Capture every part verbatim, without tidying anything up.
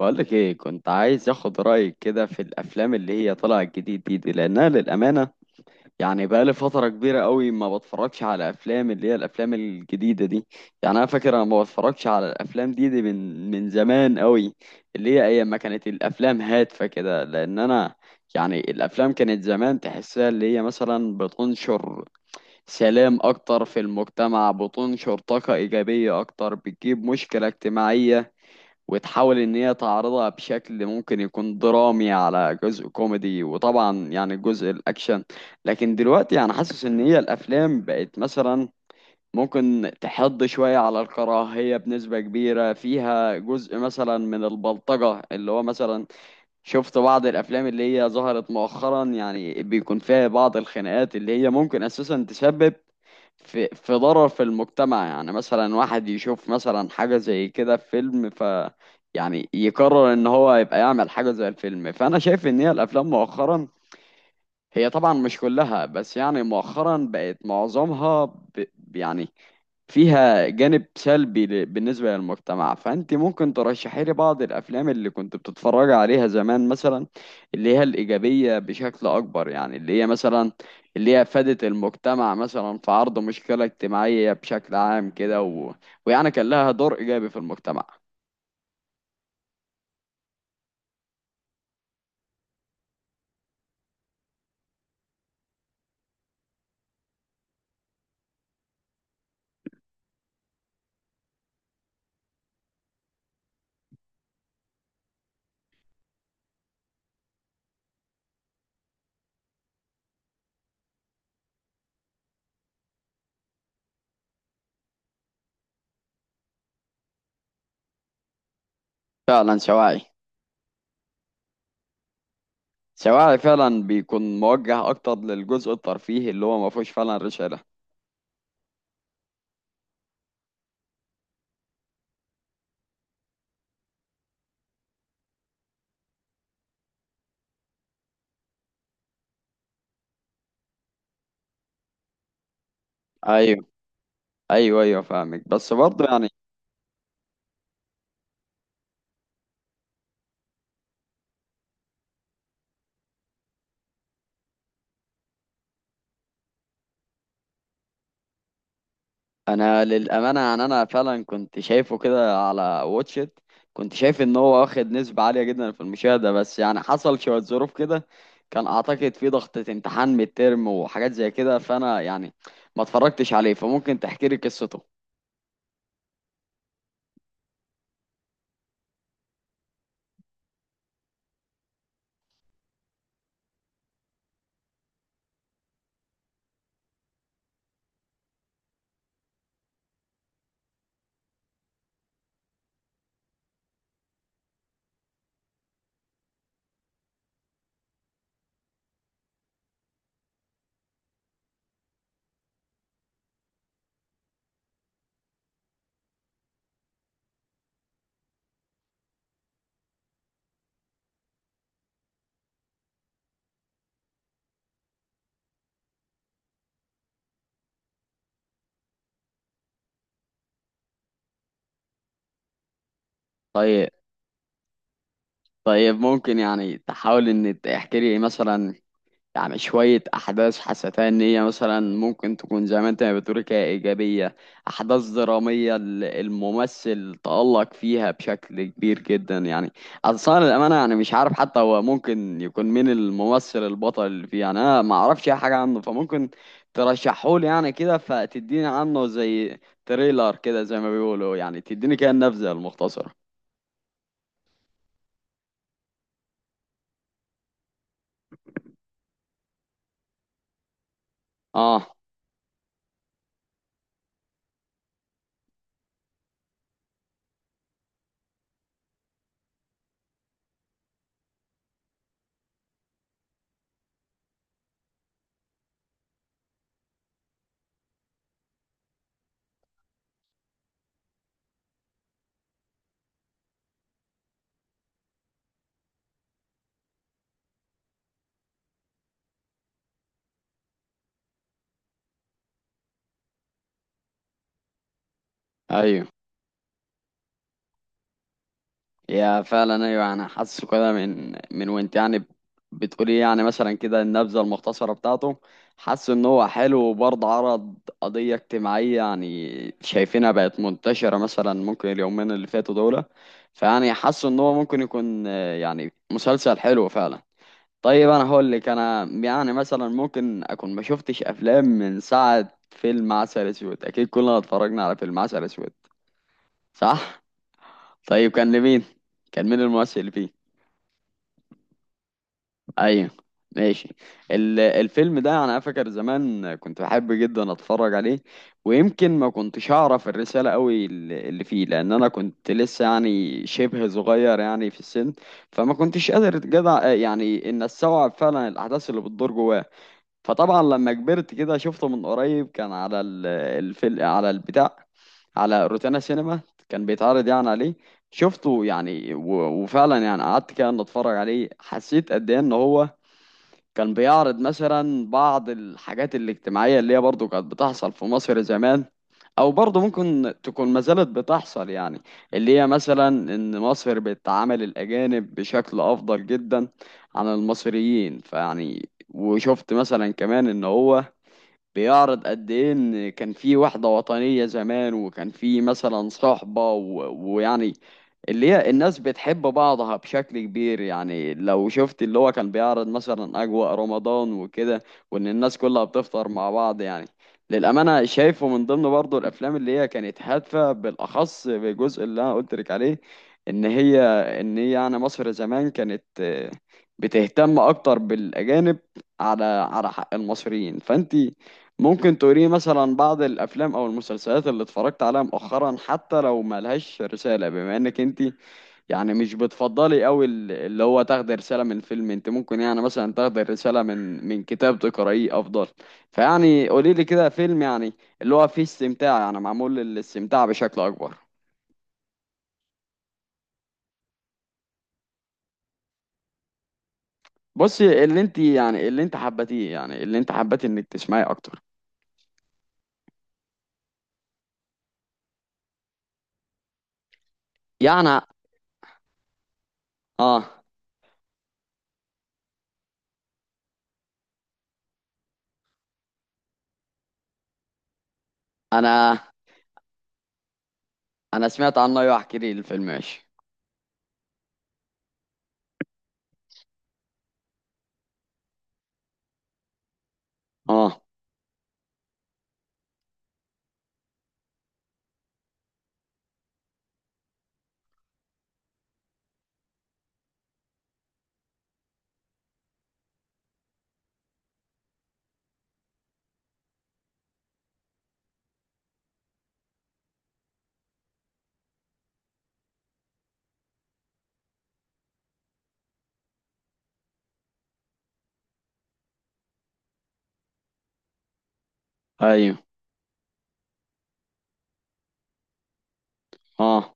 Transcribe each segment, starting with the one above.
بقولك ايه، كنت عايز اخد رأيك كده في الافلام اللي هي طالعة جديد دي, دي لانها للامانة يعني بقالي فترة كبيرة قوي ما بتفرجش على افلام اللي هي الافلام الجديدة دي. يعني انا فاكر انا ما بتفرجش على الافلام دي, دي من من زمان قوي، اللي هي ايام ما كانت الافلام هادفة كده، لان انا يعني الافلام كانت زمان تحسها اللي هي مثلا بتنشر سلام اكتر في المجتمع، بتنشر طاقة ايجابية اكتر، بتجيب مشكلة اجتماعية وتحاول ان هي تعرضها بشكل ممكن يكون درامي على جزء كوميدي وطبعا يعني جزء الاكشن. لكن دلوقتي يعني حاسس ان هي الافلام بقت مثلا ممكن تحض شوية على الكراهية بنسبة كبيرة، فيها جزء مثلا من البلطجة اللي هو مثلا شفت بعض الافلام اللي هي ظهرت مؤخرا يعني بيكون فيها بعض الخناقات اللي هي ممكن اساسا تسبب في في ضرر في المجتمع. يعني مثلا واحد يشوف مثلا حاجة زي كده في فيلم ف يعني يقرر ان هو يبقى يعمل حاجة زي الفيلم، فانا شايف ان هي الافلام مؤخرا هي طبعا مش كلها بس يعني مؤخرا بقت معظمها ب... يعني فيها جانب سلبي ل- بالنسبة للمجتمع. فأنت ممكن ترشحي لي بعض الأفلام اللي كنت بتتفرج عليها زمان مثلا، اللي هي الإيجابية بشكل أكبر، يعني اللي هي مثلا اللي هي أفادت المجتمع مثلا في عرض مشكلة اجتماعية بشكل عام كده و... ويعني كان لها دور إيجابي في المجتمع. فعلا شواعي. شواعي فعلا، بيكون موجه أكتر للجزء الترفيهي اللي هو ما فيهوش فعلا رسالة. أيوه. أيوه، أيوه فاهمك، بس برضه يعني انا للامانه يعني انا فعلا كنت شايفه كده على واتشت، كنت شايف ان هو واخد نسبه عاليه جدا في المشاهده، بس يعني حصل شويه ظروف كده، كان اعتقد في ضغطه امتحان ميد ترم وحاجات زي كده، فانا يعني ما اتفرجتش عليه، فممكن تحكي لي قصته؟ طيب. طيب، ممكن يعني تحاول ان تحكي لي مثلا يعني شوية أحداث حسيتها إن هي مثلا ممكن تكون زي ما أنت ما بتقول كده إيجابية، أحداث درامية ال- الممثل تألق فيها بشكل كبير جدا؟ يعني أصلا للأمانة يعني مش عارف حتى هو ممكن يكون مين الممثل البطل اللي فيه، يعني أنا ما أعرفش أي حاجة عنه، فممكن ترشحهولي يعني كده فتديني عنه زي تريلر كده زي ما بيقولوا، يعني تديني كده النبذة المختصرة. آه. أيوه. يا فعلا ايوه، انا حاسه كده من من وانت يعني بتقولي يعني مثلا كده النبذه المختصره بتاعته، حاسه ان هو حلو وبرضه عرض قضيه اجتماعيه يعني شايفينها بقت منتشره مثلا ممكن اليومين اللي فاتوا دول. فيعني حاسه ان هو ممكن يكون آه، يعني مسلسل حلو فعلا. طيب انا هقول لك انا يعني مثلا ممكن اكون ما شفتش افلام من ساعه فيلم عسل اسود، اكيد كلنا اتفرجنا على فيلم عسل اسود. صح. طيب كان لمين؟ كان مين الممثل اللي فيه؟ ايوه. ماشي. ال- الفيلم ده انا فاكر زمان كنت بحب جدا اتفرج عليه، ويمكن ما كنتش اعرف الرساله قوي الل- اللي فيه لان انا كنت لسه يعني شبه صغير يعني في السن، فما كنتش قادر جدع يعني ان استوعب فعلا الاحداث اللي بتدور جواه. فطبعا لما كبرت كده شفته من قريب، كان على ال- الفيلم على البتاع، على روتانا سينما كان بيتعرض يعني عليه. شفته يعني و- وفعلا يعني قعدت كده ان اتفرج عليه، حسيت قد ايه ان هو كان بيعرض مثلا بعض الحاجات الاجتماعية اللي هي برضو كانت بتحصل في مصر زمان او برضو ممكن تكون ما زالت بتحصل يعني، اللي هي مثلا ان مصر بتعامل الاجانب بشكل افضل جدا عن المصريين. فيعني وشفت مثلا كمان ان هو بيعرض قد ايه ان كان في وحدة وطنية زمان، وكان في مثلا صحبة و- ويعني اللي هي الناس بتحب بعضها بشكل كبير، يعني لو شفت اللي هو كان بيعرض مثلا أجواء رمضان وكده، وإن الناس كلها بتفطر مع بعض يعني. للأمانة شايفه من ضمن برضه الأفلام اللي هي كانت هادفة، بالأخص بالجزء اللي أنا قلت لك عليه، إن هي إن هي يعني مصر زمان كانت آه، بتهتم أكتر بالأجانب على على حق المصريين. فأنت ممكن توريني مثلا بعض الافلام او المسلسلات اللي اتفرجت عليها مؤخرا، حتى لو ملهاش رساله بما انك انت يعني مش بتفضلي قوي ال- اللي هو تاخدي رساله من فيلم، انت ممكن يعني مثلا تاخدي رساله من من كتاب تقرايه افضل. فيعني قولي لي كده فيلم يعني اللي هو فيه استمتاع، يعني معمول للاستمتاع بشكل اكبر. بصي، اللي انت يعني اللي انت حبتيه، يعني اللي انت حبتي انك تسمعيه اكتر. يعني. اه. انا انا سمعت عنه، ايوه احكي لي الفيلم، ماشي. اه. ايوه. اه.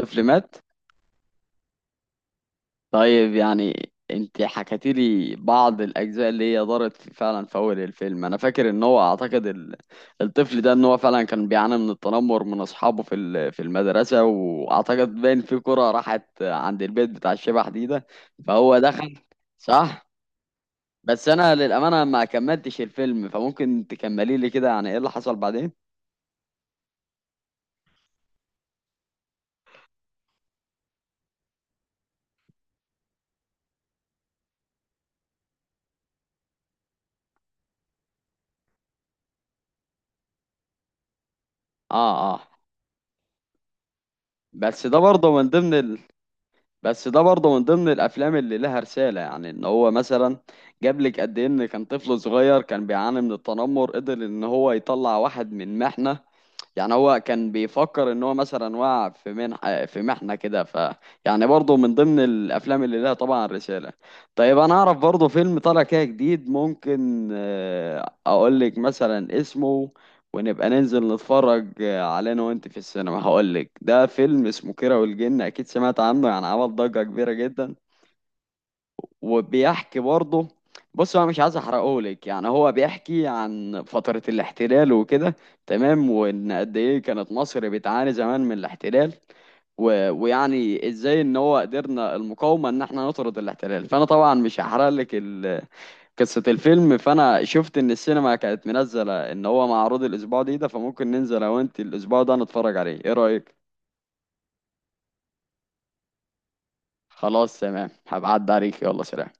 طفل مات؟ طيب يعني انت حكيتي لي بعض الاجزاء اللي هي دارت في- فعلا في اول الفيلم. انا فاكر ان هو اعتقد ال... الطفل ده ان هو فعلا كان بيعاني من التنمر من اصحابه في ال... في المدرسه، واعتقد باين في كره راحت عند البيت بتاع الشبح دي ده، فهو دخل. صح. بس انا للامانه ما كملتش الفيلم، فممكن تكملي لي كده يعني ايه اللي حصل بعدين؟ اه، اه. بس ده برضه من ضمن بس ده برضه من ضمن الافلام اللي لها رساله، يعني ان هو مثلا جاب لك قد ايه ان كان طفل صغير كان بيعاني من التنمر قدر ان هو يطلع واحد من محنه. يعني هو كان بيفكر ان هو مثلا وقع في منح في محنه كده، ف يعني برضه من ضمن الافلام اللي لها طبعا رساله. طيب انا اعرف برضه فيلم طالع كده جديد ممكن آه، اقول لك مثلا اسمه ونبقى ننزل نتفرج على انا وانت في السينما. هقول لك ده فيلم اسمه كيرة والجن، اكيد سمعت عنه، يعني عمل ضجة كبيرة جدا. وبيحكي برضه، بص انا مش عايز احرقه لك، يعني هو بيحكي عن فترة الاحتلال وكده، تمام، وان قد ايه كانت مصر بتعاني زمان من الاحتلال و... ويعني ازاي ان هو قدرنا المقاومة ان احنا نطرد الاحتلال. فانا طبعا مش هحرق لك قصة الفيلم. فأنا شفت إن السينما كانت منزلة إن هو معروض الأسبوع دي ده، فممكن ننزل أنا وأنت الأسبوع ده نتفرج عليه، إيه رأيك؟ خلاص تمام، هبعد عليك، يلا سلام.